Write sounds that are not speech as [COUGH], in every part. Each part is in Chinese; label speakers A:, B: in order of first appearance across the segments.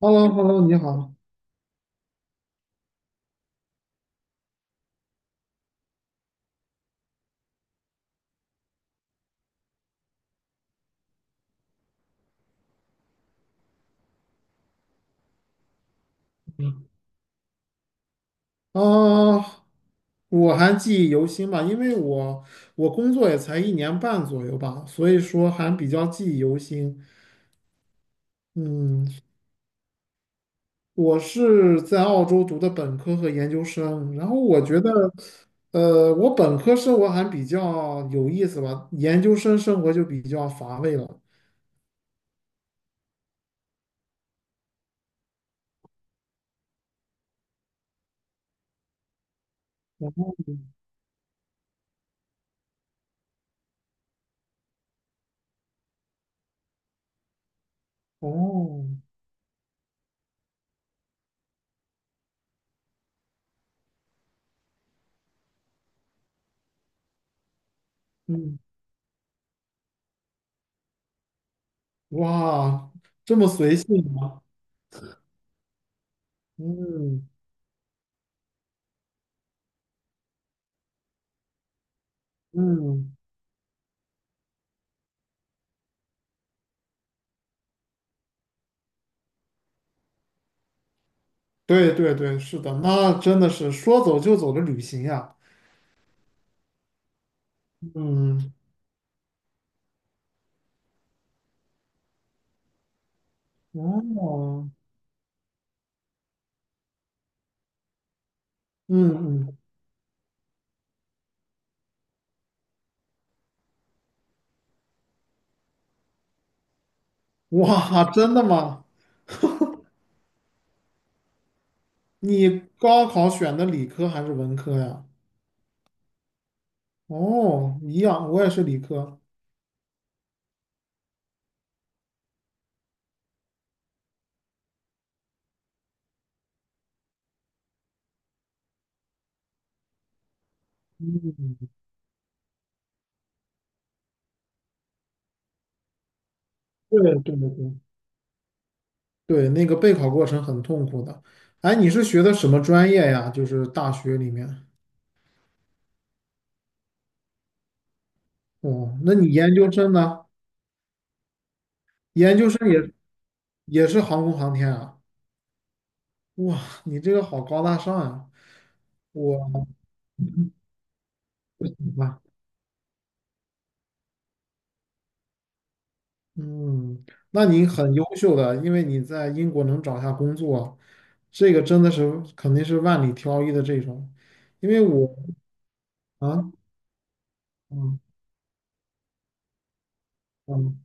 A: h e l l o h e l l o 你好。嗯，啊，我还记忆犹新吧，因为我工作也才1年半左右吧，所以说还比较记忆犹新。嗯，我是在澳洲读的本科和研究生，然后我觉得，我本科生活还比较有意思吧，研究生生活就比较乏味了。哦，嗯，哇，这么随性吗？嗯嗯。对对对，是的，那真的是说走就走的旅行呀。嗯，哦，嗯嗯，哇，真的吗？你高考选的理科还是文科呀？哦，一样，我也是理科。对对对对，对那个备考过程很痛苦的。哎，你是学的什么专业呀？就是大学里面。哦，那你研究生呢？研究生也是航空航天啊？哇，你这个好高大上呀！我。嗯，那你很优秀的，因为你在英国能找下工作，这个真的是肯定是万里挑一的这种。因为我啊，嗯嗯，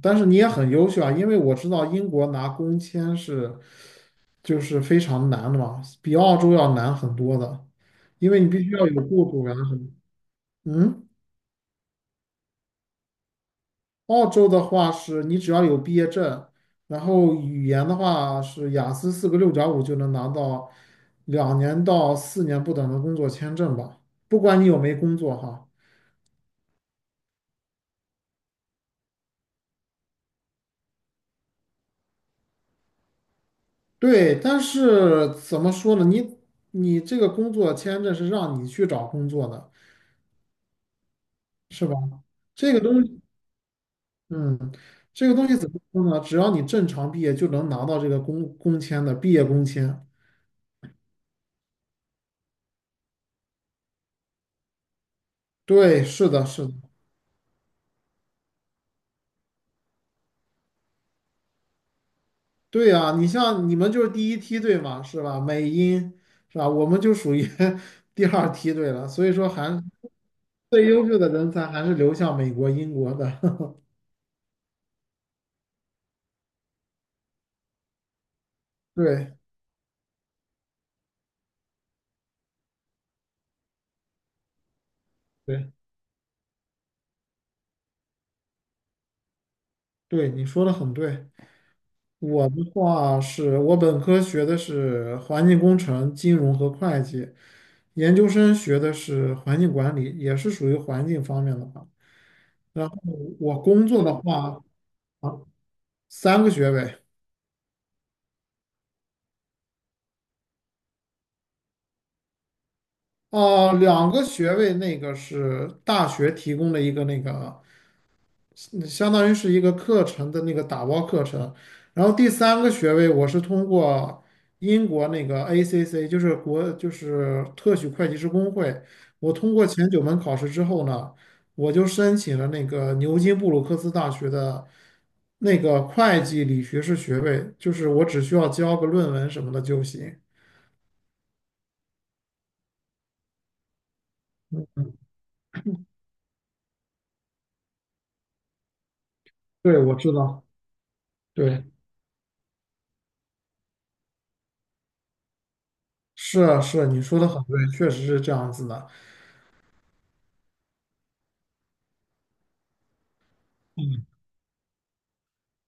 A: 但是你也很优秀啊，因为我知道英国拿工签是就是非常难的嘛，比澳洲要难很多的，因为你必须要有雇主啊什么。嗯。澳洲的话是你只要有毕业证，然后语言的话是雅思四个6.5就能拿到2年到4年不等的工作签证吧，不管你有没工作哈。对，但是怎么说呢？你这个工作签证是让你去找工作的，是吧？这个东西，嗯，这个东西怎么说呢？只要你正常毕业就能拿到这个工签的毕业工签。对，是的，是的。对呀，你像你们就是第一梯队嘛，是吧？美英是吧？我们就属于 [LAUGHS] 第二梯队了，所以说还 [LAUGHS] 最优秀的人才还是流向美国、英国的。[LAUGHS] 对对对，你说的很对。我的话是我本科学的是环境工程、金融和会计，研究生学的是环境管理，也是属于环境方面的吧。然后我工作的话，三个学位。哦，两个学位，那个是大学提供的一个那个，嗯相当于是一个课程的那个打包课程。然后第三个学位，我是通过英国那个 ACC,就是国就是特许会计师工会，我通过前九门考试之后呢，我就申请了那个牛津布鲁克斯大学的那个会计理学士学位，就是我只需要交个论文什么的就行。对，我知道，对。是啊是啊，你说的很对，确实是这样子的。嗯，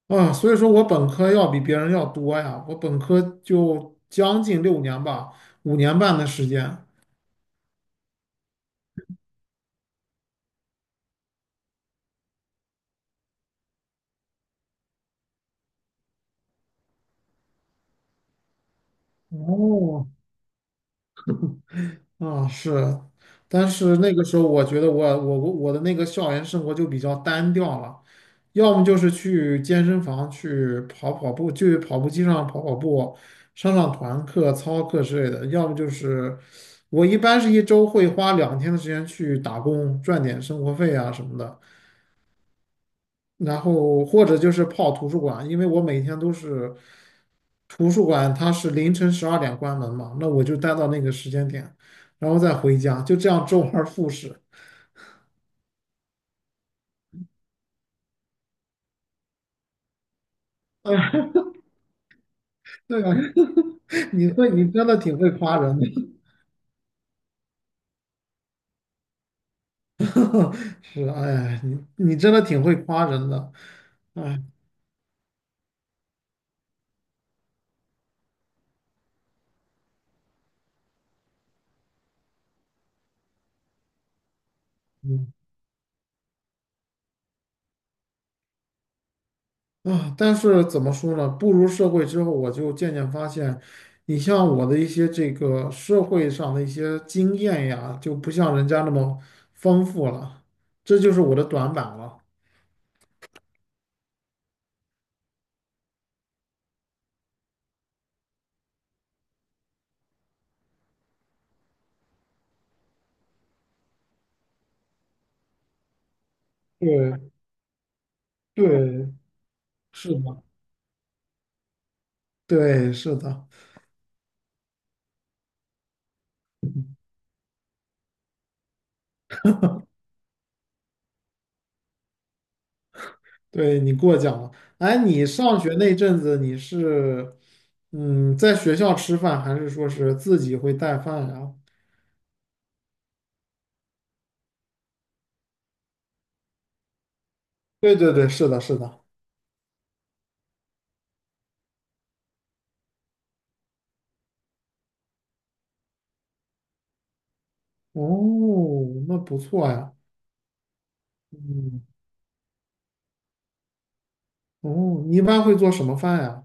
A: 啊，所以说我本科要比别人要多呀，我本科就将近6年吧，5年半的时间。哦，啊，是，但是那个时候我觉得我的那个校园生活就比较单调了，要么就是去健身房去跑跑步，去跑步机上跑跑步，上上团课、操课之类的，要么就是我一般是一周会花2天的时间去打工，赚点生活费啊什么的。然后或者就是泡图书馆，因为我每天都是图书馆，它是凌晨12点关门嘛，那我就待到那个时间点，然后再回家，就这样周而复始 [LAUGHS]。哎呀对啊，[LAUGHS] 你真的挺会夸人的，是，哎呀你真的挺会夸人的，哎，嗯，啊，但是怎么说呢？步入社会之后，我就渐渐发现，你像我的一些这个社会上的一些经验呀，就不像人家那么丰富了，这就是我的短板了。对对，是的，对是的，对你过奖了。哎，你上学那阵子，你是在学校吃饭，还是说是自己会带饭呀？对对对，是的，是的。哦，那不错呀。嗯。哦，你一般会做什么饭呀？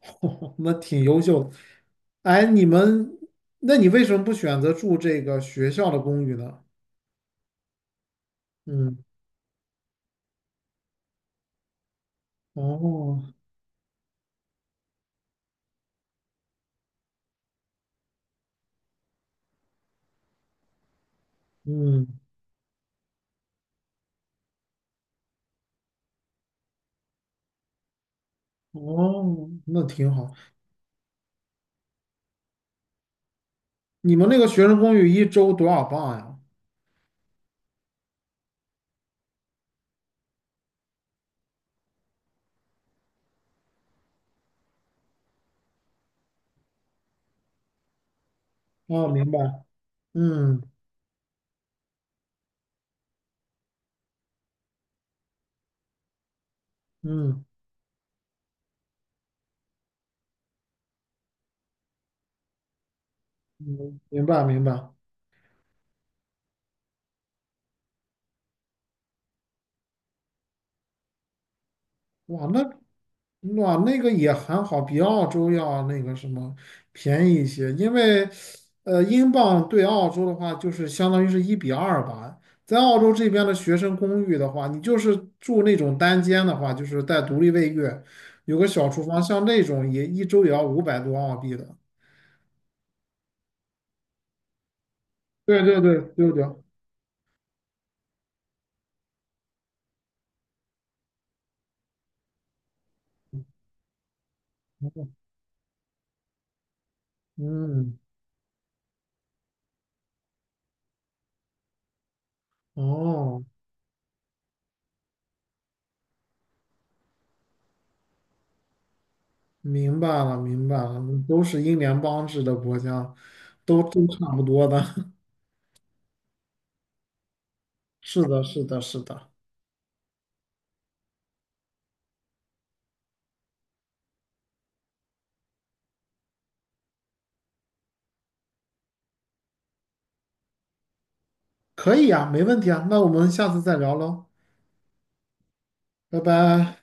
A: [LAUGHS] 那挺优秀的。哎，你们，那你为什么不选择住这个学校的公寓呢？嗯，哦，嗯，哦，那挺好。你们那个学生公寓一周多少磅呀？哦，明白。嗯嗯嗯，明白明白。哇，那个也还好，比澳洲要那个什么便宜一些，因为英镑对澳洲的话就是相当于是1:2吧。在澳洲这边的学生公寓的话，你就是住那种单间的话，就是带独立卫浴，有个小厨房，像那种也一周也要500多澳币的。对对对对对，嗯，哦，明白了明白了，都是英联邦制的国家，都差不多的。[LAUGHS] 是的，是的，是的。可以呀，没问题啊，那我们下次再聊喽，拜拜。